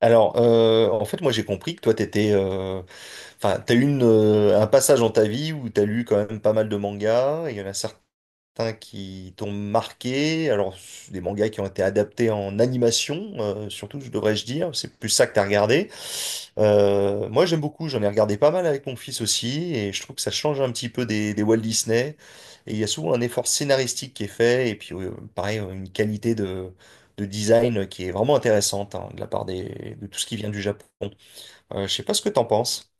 En fait, moi, j'ai compris que toi, t'as eu un passage dans ta vie où t'as lu quand même pas mal de mangas, et il y en a certains qui t'ont marqué. Alors, des mangas qui ont été adaptés en animation, surtout, je devrais-je dire. C'est plus ça que t'as regardé. Moi, j'aime beaucoup. J'en ai regardé pas mal avec mon fils aussi. Et je trouve que ça change un petit peu des Walt Disney. Et il y a souvent un effort scénaristique qui est fait. Et puis, pareil, une qualité de design qui est vraiment intéressante, hein, de la part de tout ce qui vient du Japon. Je sais pas ce que t'en penses.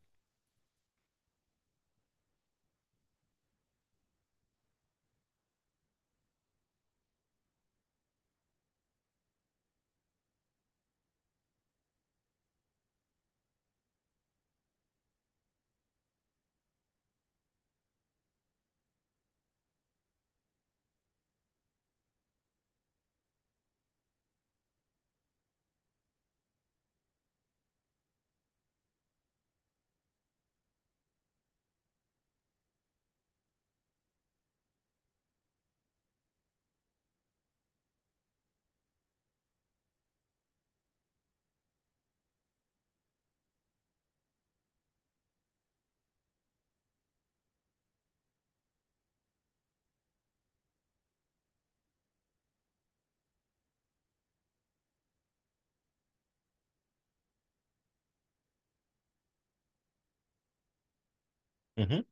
Mhm.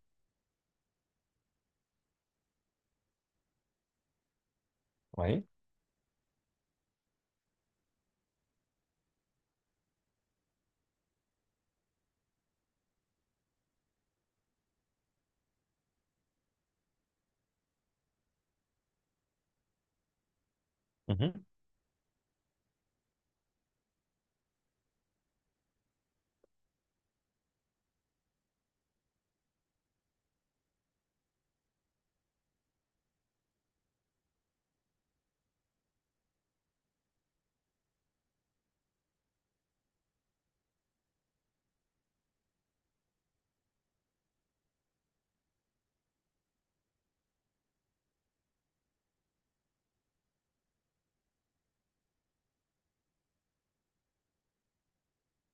Oui. Mhm.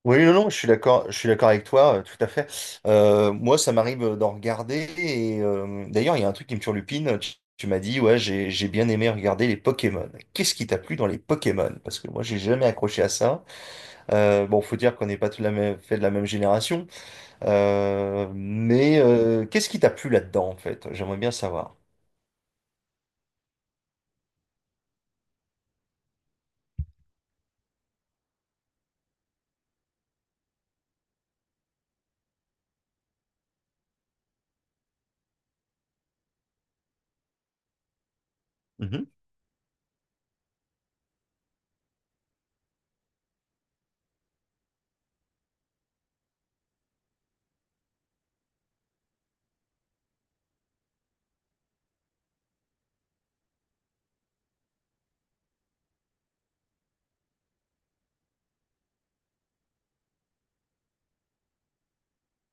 Oui, non, non, je suis d'accord avec toi, tout à fait. Moi, ça m'arrive d'en regarder et d'ailleurs, il y a un truc qui me turlupine. Tu m'as dit, ouais, j'ai bien aimé regarder les Pokémon. Qu'est-ce qui t'a plu dans les Pokémon? Parce que moi, j'ai jamais accroché à ça. Bon, faut dire qu'on n'est pas tout la même, fait de la même génération. Mais qu'est-ce qui t'a plu là-dedans, en fait? J'aimerais bien savoir. Mhm,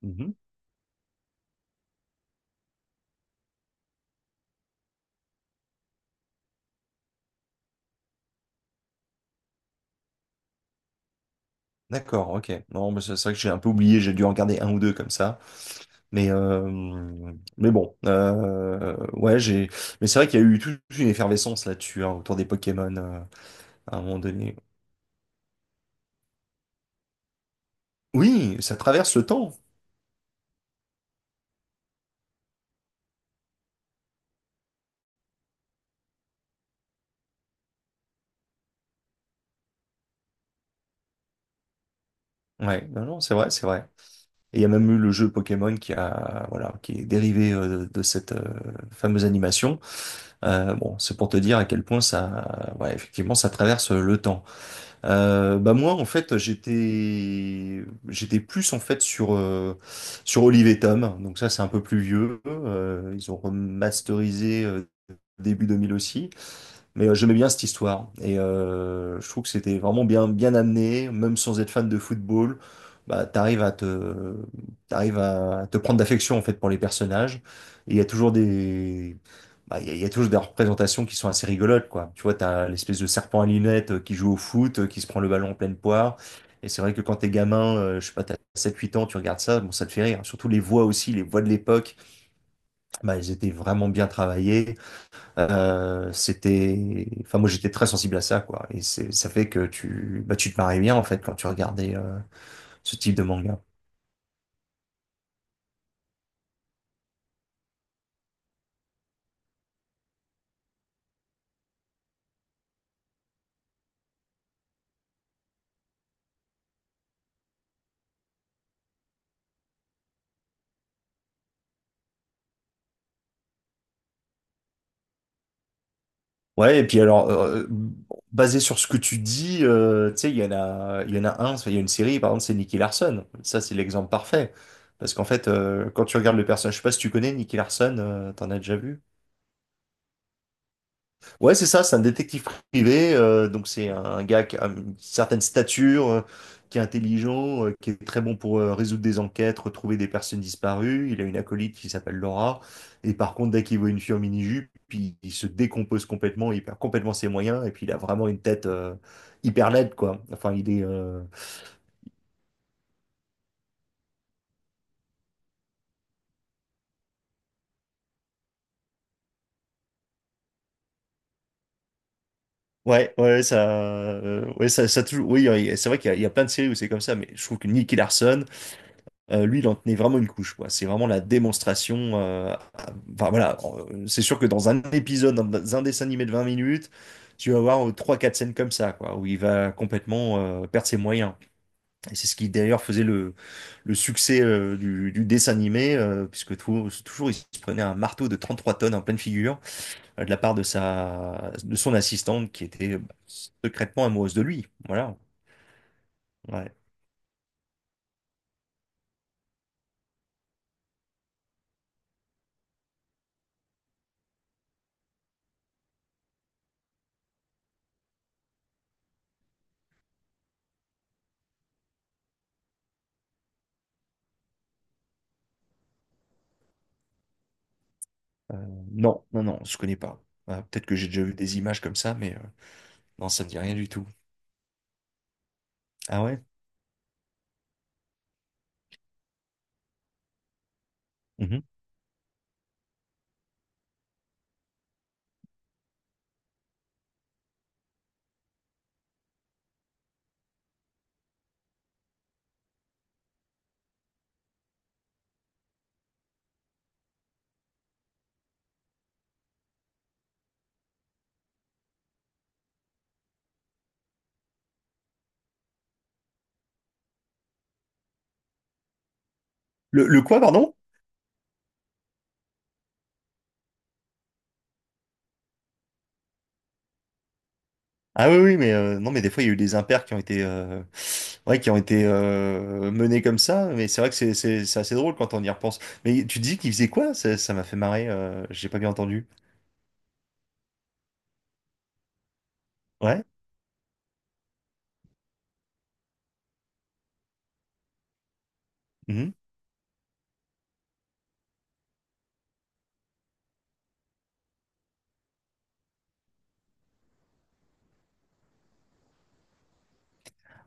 mhm. D'accord, ok. Non, mais c'est vrai que j'ai un peu oublié, j'ai dû en regarder un ou deux comme ça. Mais, euh, mais bon, ouais, j'ai. Mais c'est vrai qu'il y a eu toute une effervescence là-dessus, hein, autour des Pokémon, à un moment donné. Oui, ça traverse le temps. Ouais, non, non, c'est vrai, c'est vrai. Et il y a même eu le jeu Pokémon qui a, voilà, qui est dérivé de cette fameuse animation. Bon, c'est pour te dire à quel point ça, ouais, effectivement, ça traverse le temps. Bah moi en fait j'étais plus en fait sur Olive et Tom, donc ça c'est un peu plus vieux. Ils ont remasterisé début 2000 aussi, mais j'aimais bien cette histoire et je trouve que c'était vraiment bien bien amené. Même sans être fan de football, bah t'arrives à te prendre d'affection en fait pour les personnages. Et il y a toujours des bah, il y a toujours des représentations qui sont assez rigolotes, quoi. Tu vois, t'as l'espèce de serpent à lunettes qui joue au foot, qui se prend le ballon en pleine poire. Et c'est vrai que quand t'es gamin, je sais pas, t'as 7 8 ans, tu regardes ça, bon, ça te fait rire. Surtout les voix aussi, les voix de l'époque, bah elles étaient vraiment bien travaillées. C'était, enfin moi j'étais très sensible à ça, quoi. Et c'est, ça fait que tu, bah tu te marrais bien en fait quand tu regardais ce type de manga. Ouais, et puis basé sur ce que tu dis, tu sais, il y en a un, enfin, il y a une série par exemple, c'est Nicky Larson. Ça c'est l'exemple parfait, parce qu'en fait quand tu regardes le personnage, je sais pas si tu connais Nicky Larson, t'en as déjà vu? Ouais, c'est ça, c'est un détective privé, donc c'est un gars qui a une certaine stature, qui est intelligent, qui est très bon pour résoudre des enquêtes, retrouver des personnes disparues. Il a une acolyte qui s'appelle Laura, et par contre, dès qu'il voit une fille en mini-jupe, il se décompose complètement, il perd complètement ses moyens, et puis il a vraiment une tête hyper laide, quoi. Enfin, ouais, ouais, ouais, ouais, oui, c'est vrai qu'il y a plein de séries où c'est comme ça, mais je trouve que lui, il en tenait vraiment une couche, quoi. C'est vraiment la démonstration. Enfin voilà, c'est sûr que dans un épisode, dans un dessin animé de 20 minutes, tu vas avoir trois, quatre scènes comme ça, quoi, où il va complètement perdre ses moyens. Et c'est ce qui d'ailleurs faisait le succès du dessin animé, puisque toujours il se prenait un marteau de 33 tonnes en pleine figure, de la part de son assistante qui était, bah, secrètement amoureuse de lui. Voilà. Ouais. Euh, non, non, non, je connais pas. Ah, peut-être que j'ai déjà vu des images comme ça, mais. Non, ça me dit rien du tout. Ah ouais? Mhm. Le quoi, pardon? Ah oui, oui, mais non, mais des fois, il y a eu des impairs qui ont été, menés comme ça, mais c'est vrai que c'est assez drôle quand on y repense. Mais tu dis qu'il faisait quoi? Ça m'a fait marrer, j'ai pas bien entendu. Ouais? Mhm.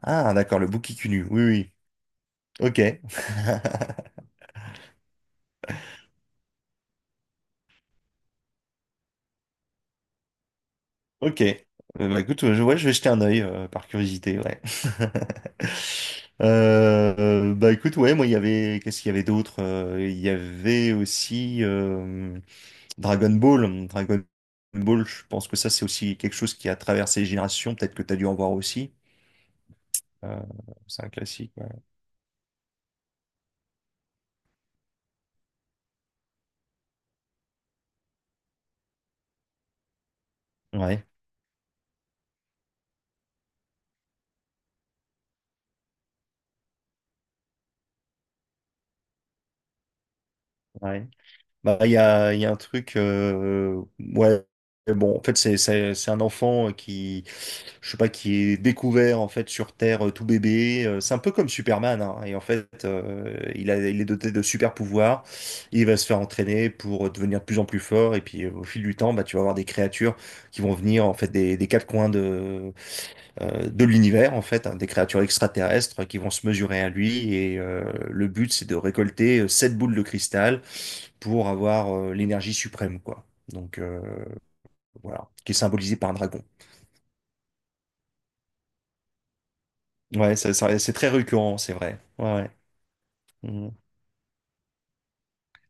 Ah, d'accord, le bouc qui cunue. Oui, oui. Ok. Ok. Bah, écoute, ouais, je vais jeter un œil par curiosité, ouais. Bah écoute, ouais, moi il y avait, qu'est-ce qu'il y avait d'autre? Il y avait aussi Dragon Ball. Dragon Ball, je pense que ça c'est aussi quelque chose qui a traversé les générations. Peut-être que tu as dû en voir aussi. Euh, c'est un classique. Ouais, ouais, ouais. Bah, il y a un truc, ouais, bon, en fait, c'est un enfant qui, je sais pas, qui est découvert, en fait, sur Terre, tout bébé. C'est un peu comme Superman, hein, et en fait, il est doté de super pouvoirs. Il va se faire entraîner pour devenir de plus en plus fort, et puis, au fil du temps, bah, tu vas avoir des créatures qui vont venir, en fait, des quatre coins de l'univers, en fait, hein, des créatures extraterrestres qui vont se mesurer à lui. Et le but, c'est de récolter sept boules de cristal pour avoir l'énergie suprême, quoi. Voilà, qui est symbolisé par un dragon. Ouais, c'est très récurrent, c'est vrai. Ouais, ouais. Mhm.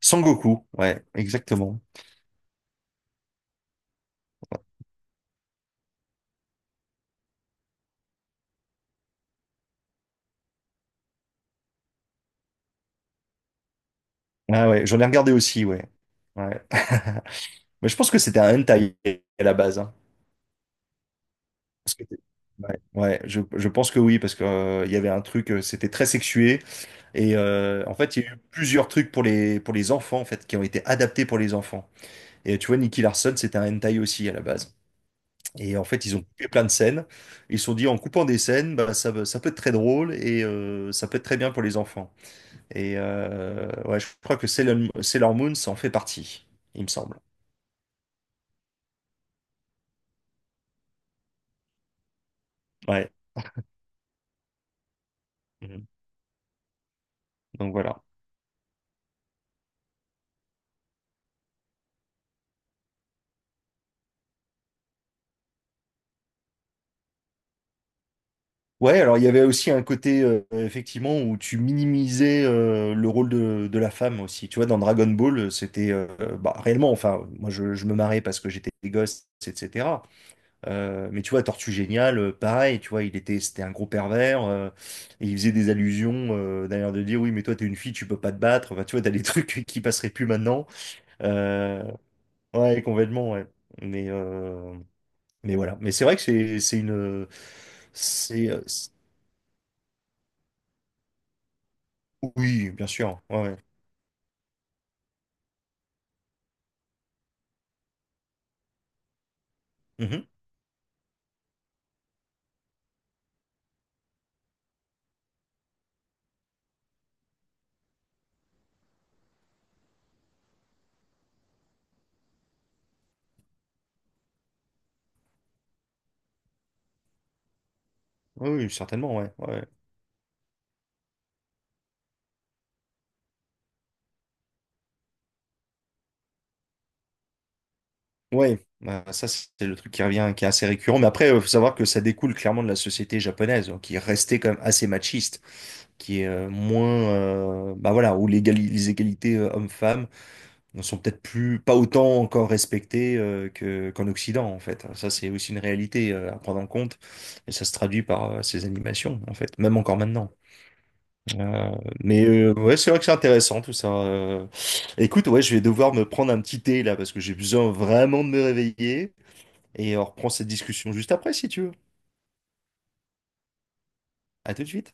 Sangoku, ouais, exactement. Ah ouais, j'en ai regardé aussi, ouais. Ouais. Mais je pense que c'était un hentai à la base, hein. Parce que- Ouais, ouais, je pense que oui, parce que il y avait un truc, c'était très sexué. Et en fait, il y a eu plusieurs trucs pour pour les enfants, en fait, qui ont été adaptés pour les enfants. Et tu vois, Nicky Larson, c'était un hentai aussi à la base. Et en fait, ils ont coupé plein de scènes. Ils se sont dit, en coupant des scènes, bah, ça peut être très drôle et ça peut être très bien pour les enfants. Et ouais, je crois que Sailor Moon, ça en fait partie, il me semble. Ouais. Mhm. Donc voilà. Ouais, alors il y avait aussi un côté, effectivement, où tu minimisais le rôle de la femme aussi. Tu vois, dans Dragon Ball, c'était bah, réellement, enfin, moi je me marrais parce que j'étais gosse, etc. Mais tu vois, Tortue Géniale, pareil, tu vois, c'était un gros pervers, et il faisait des allusions, d'ailleurs, de dire, oui, mais toi, t'es une fille, tu peux pas te battre. Enfin, tu vois, t'as des trucs qui passeraient plus maintenant. Euh, ouais, complètement, ouais. Mais, euh, mais voilà. Mais c'est vrai que c'est une. C'est, euh, Oui, bien sûr. Ouais, ouais. Mhm. Oui, oui, certainement, ouais. Ouais. Ouais, bah, ça, c'est le truc qui revient, qui est assez récurrent. Mais après, il faut savoir que ça découle clairement de la société japonaise, hein, qui restait quand même assez machiste, qui est moins, bah voilà, où les égalités hommes-femmes ne sont peut-être plus, pas autant encore respectées, qu'en Occident, en fait. Ça, c'est aussi une réalité à prendre en compte. Et ça se traduit par ces animations, en fait, même encore maintenant. Euh, mais ouais, c'est vrai que c'est intéressant tout ça. Écoute, ouais, je vais devoir me prendre un petit thé là parce que j'ai besoin vraiment de me réveiller. Et on reprend cette discussion juste après si tu veux. À tout de suite.